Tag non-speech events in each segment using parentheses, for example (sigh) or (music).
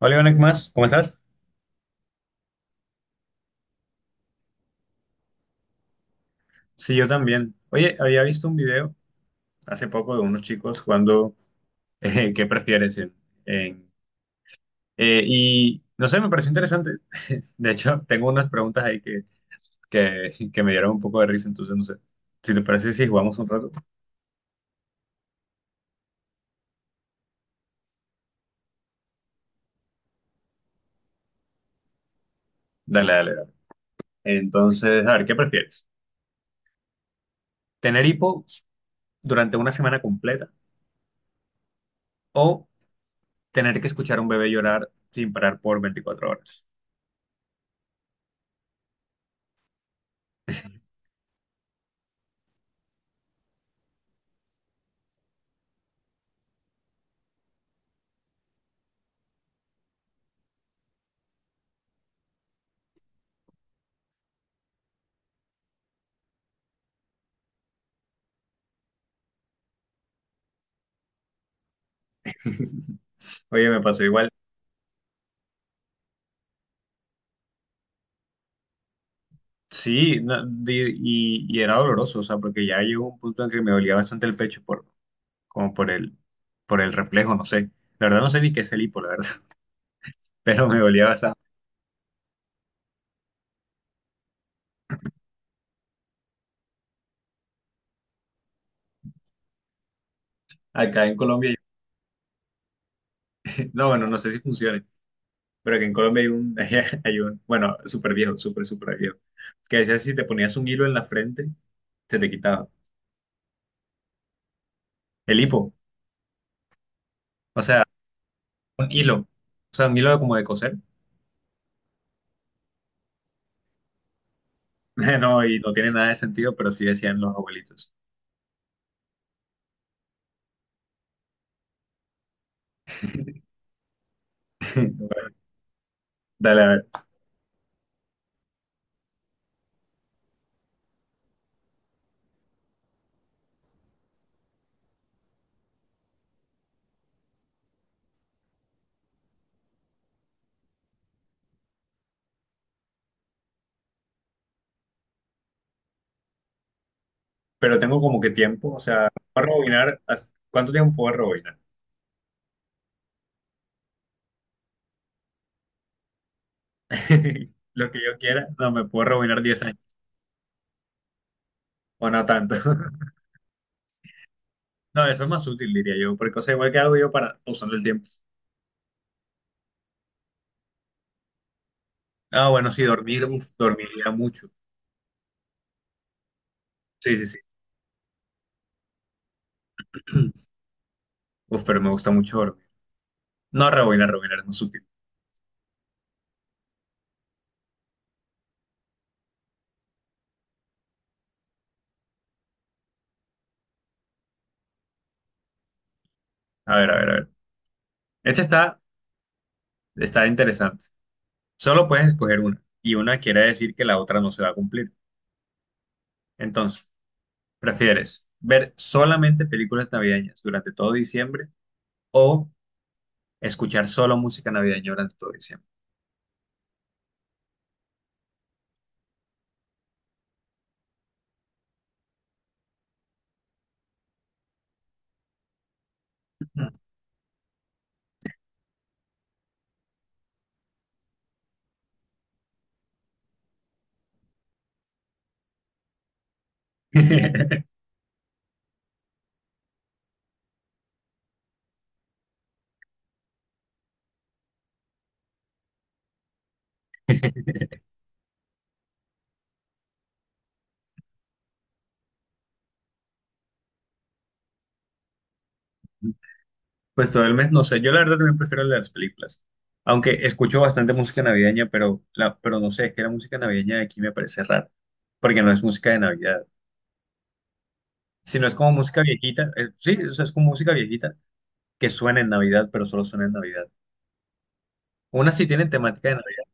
Hola, Iván, ¿qué más? ¿Cómo estás? Sí, yo también. Oye, había visto un video hace poco de unos chicos jugando ¿qué prefieres? En- y no sé, me pareció interesante. (laughs) De hecho, tengo unas preguntas ahí que me dieron un poco de risa, entonces no sé. Si te parece, si jugamos un rato. Dale, dale, dale. Entonces, a ver, ¿qué prefieres? ¿Tener hipo durante una semana completa o tener que escuchar a un bebé llorar sin parar por 24 horas? Oye, me pasó igual. Sí, no, y era doloroso, o sea, porque ya llegó un punto en que me dolía bastante el pecho por, como por el reflejo, no sé. La verdad no sé ni qué es el hipo, la verdad, (laughs) pero me dolía bastante. Acá en Colombia, (laughs) no, bueno, no sé si funcione, pero que en Colombia (laughs) hay un, bueno, súper viejo, súper viejo, que decía si te ponías un hilo en la frente, se te quitaba. El hipo, o sea, un hilo, o sea, un hilo como de coser. (laughs) No, y no tiene nada de sentido, pero sí decían los abuelitos. (laughs) Dale, a ver. Pero tengo como que tiempo, o sea, puedo ¿cuánto tiempo puedo rebobinar? (laughs) Lo que yo quiera, no, me puedo rebobinar 10 años, o no tanto. (laughs) No, eso es más útil, diría yo, porque, o sea, igual que hago yo para usando el tiempo. Ah, bueno, sí, dormir, uf, dormiría mucho. Sí, sí, sí. Uf, pero me gusta mucho dormir. No, rebobinar es más útil. A ver, a ver, a ver. Esta está, está interesante. Solo puedes escoger una, y una quiere decir que la otra no se va a cumplir. Entonces, ¿prefieres ver solamente películas navideñas durante todo diciembre, o escuchar solo música navideña durante todo diciembre? (laughs) Pues todo el mes, no sé, yo la verdad también prefiero las películas, aunque escucho bastante música navideña, pero, pero no sé, es que la música navideña de aquí me parece rara, porque no es música de Navidad, sino es como música viejita, sí, o sea, es como música viejita que suena en Navidad, pero solo suena en Navidad. Una sí tiene temática de Navidad,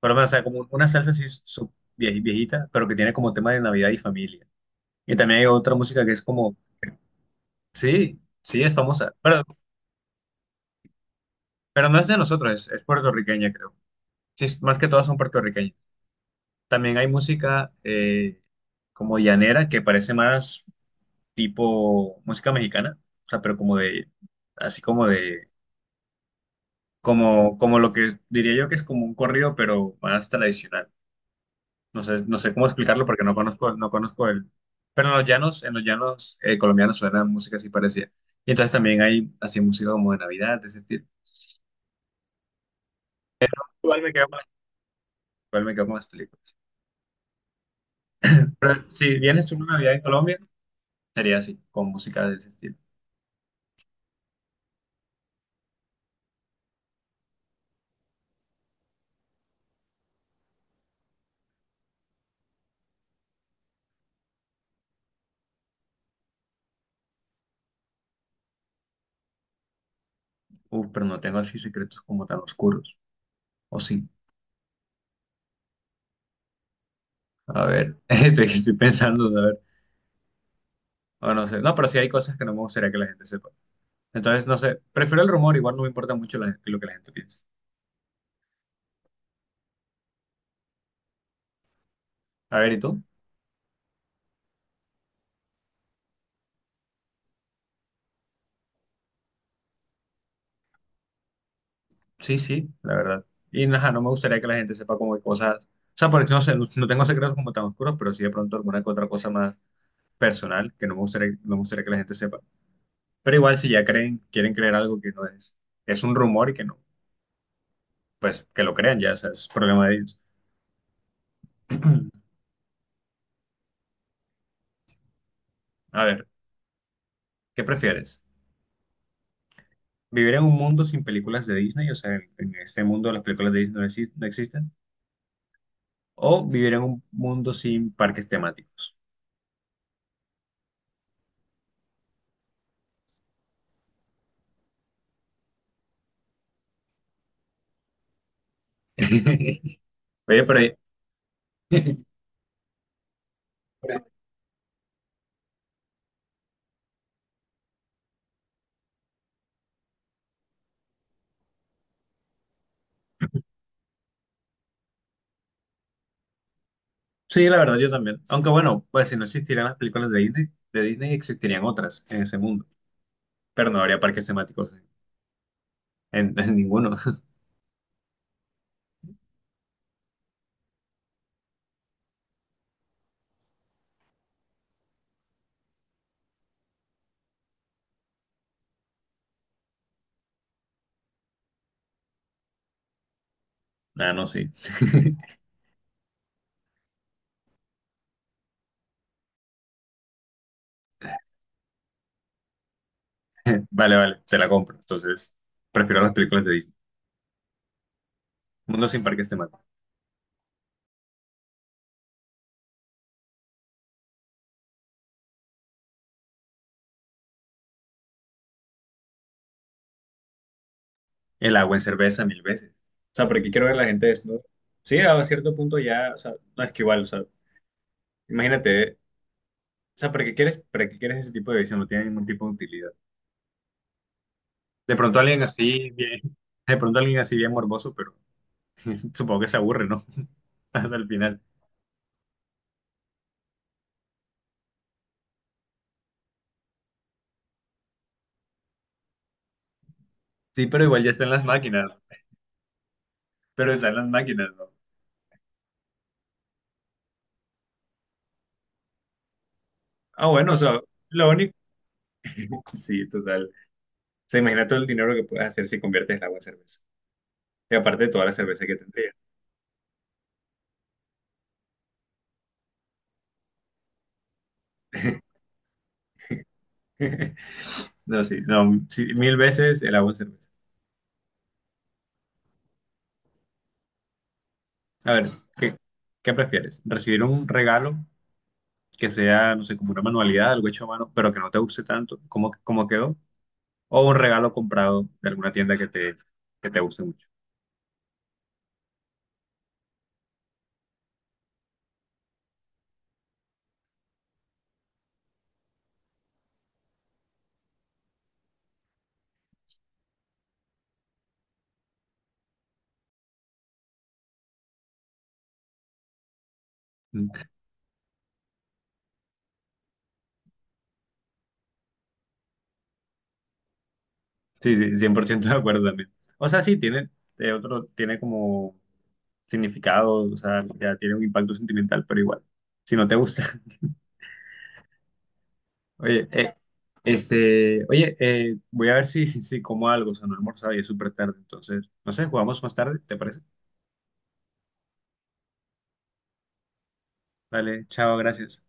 pero o sea, como una salsa así viejita, pero que tiene como tema de Navidad y familia. Y también hay otra música que es como, sí, sí, es famosa, pero no es de nosotros, es puertorriqueña, creo. Sí, más que todas son puertorriqueñas. También hay música como llanera, que parece más tipo música mexicana, o sea, pero como de, así como de, como lo que diría yo que es como un corrido, pero más tradicional. No sé, no sé cómo explicarlo porque no conozco, no conozco el... Pero en los llanos colombianos suena música así parecida. Y entonces también hay así música como de Navidad, de ese estilo. Igual me quedo con las- igual me quedo con las películas. Pero si vienes tú una Navidad en Colombia, sería así, con música de ese estilo. Uf, pero no tengo así secretos como tan oscuros. O sí. A ver, (laughs) estoy pensando, a ver. O no sé. No, pero sí hay cosas que no me gustaría que la gente sepa. Entonces, no sé. Prefiero el rumor, igual no me importa mucho lo que la gente piense. A ver, ¿y tú? Sí, sí, la verdad. Y nada, no me gustaría que la gente sepa como de cosas. O sea, porque no sé, no, no tengo secretos como tan oscuros, pero sí de pronto alguna que otra cosa más personal que no me gustaría que la gente sepa. Pero igual si ya creen, quieren creer algo que no es, es un rumor y que no, pues que lo crean ya, o sea, es problema de ellos. (clears throat) A ver, ¿qué prefieres? ¿Vivir en un mundo sin películas de Disney? O sea, en este mundo las películas de Disney no existen. ¿O vivir en un mundo sin parques temáticos? (laughs) Oye, pero ahí- (laughs) sí, la verdad, yo también. Aunque bueno, pues si no existieran las películas de Disney existirían otras en ese mundo. Pero no habría parques temáticos en, en ninguno. (laughs) Ah, no, sí. (laughs) (laughs) Vale, vale, te la compro. Entonces, prefiero las películas de Disney. Mundo sin parques temáticos. El agua en cerveza mil veces. O sea, porque quiero ver a la gente desnuda. Sí, a cierto punto ya, o sea, no es que igual, o sea, imagínate, o sea, para qué quieres ese tipo de visión? No tiene ningún tipo de utilidad. De pronto alguien así bien, de pronto alguien así bien morboso, pero (laughs) supongo que se aburre, ¿no? (laughs) Hasta el final. Sí, pero igual ya están las máquinas, pero están las máquinas, ¿no? Ah, bueno, o sea, lo único, sí, total. O sea, imagina todo el dinero que puedes hacer si conviertes el agua en cerveza. Y aparte de toda la cerveza que tendría. (laughs) No, sí, no, sí, mil veces el agua en cerveza. A ver, ¿qué, ¿qué prefieres? ¿Recibir un regalo que sea, no sé, como una manualidad, algo hecho a mano, pero que no te guste tanto, como, como quedó? ¿O un regalo comprado de alguna tienda que te guste mucho? Mm. Sí, sí, 100% de acuerdo también. O sea, sí, tiene, tiene como significado, o sea, ya tiene un impacto sentimental, pero igual, si no te gusta... Oye, oye, voy a ver si, (laughs) si como algo, o sea, no he almorzado y es súper tarde, entonces, no sé, jugamos más tarde, ¿te parece? Dale, chao, gracias.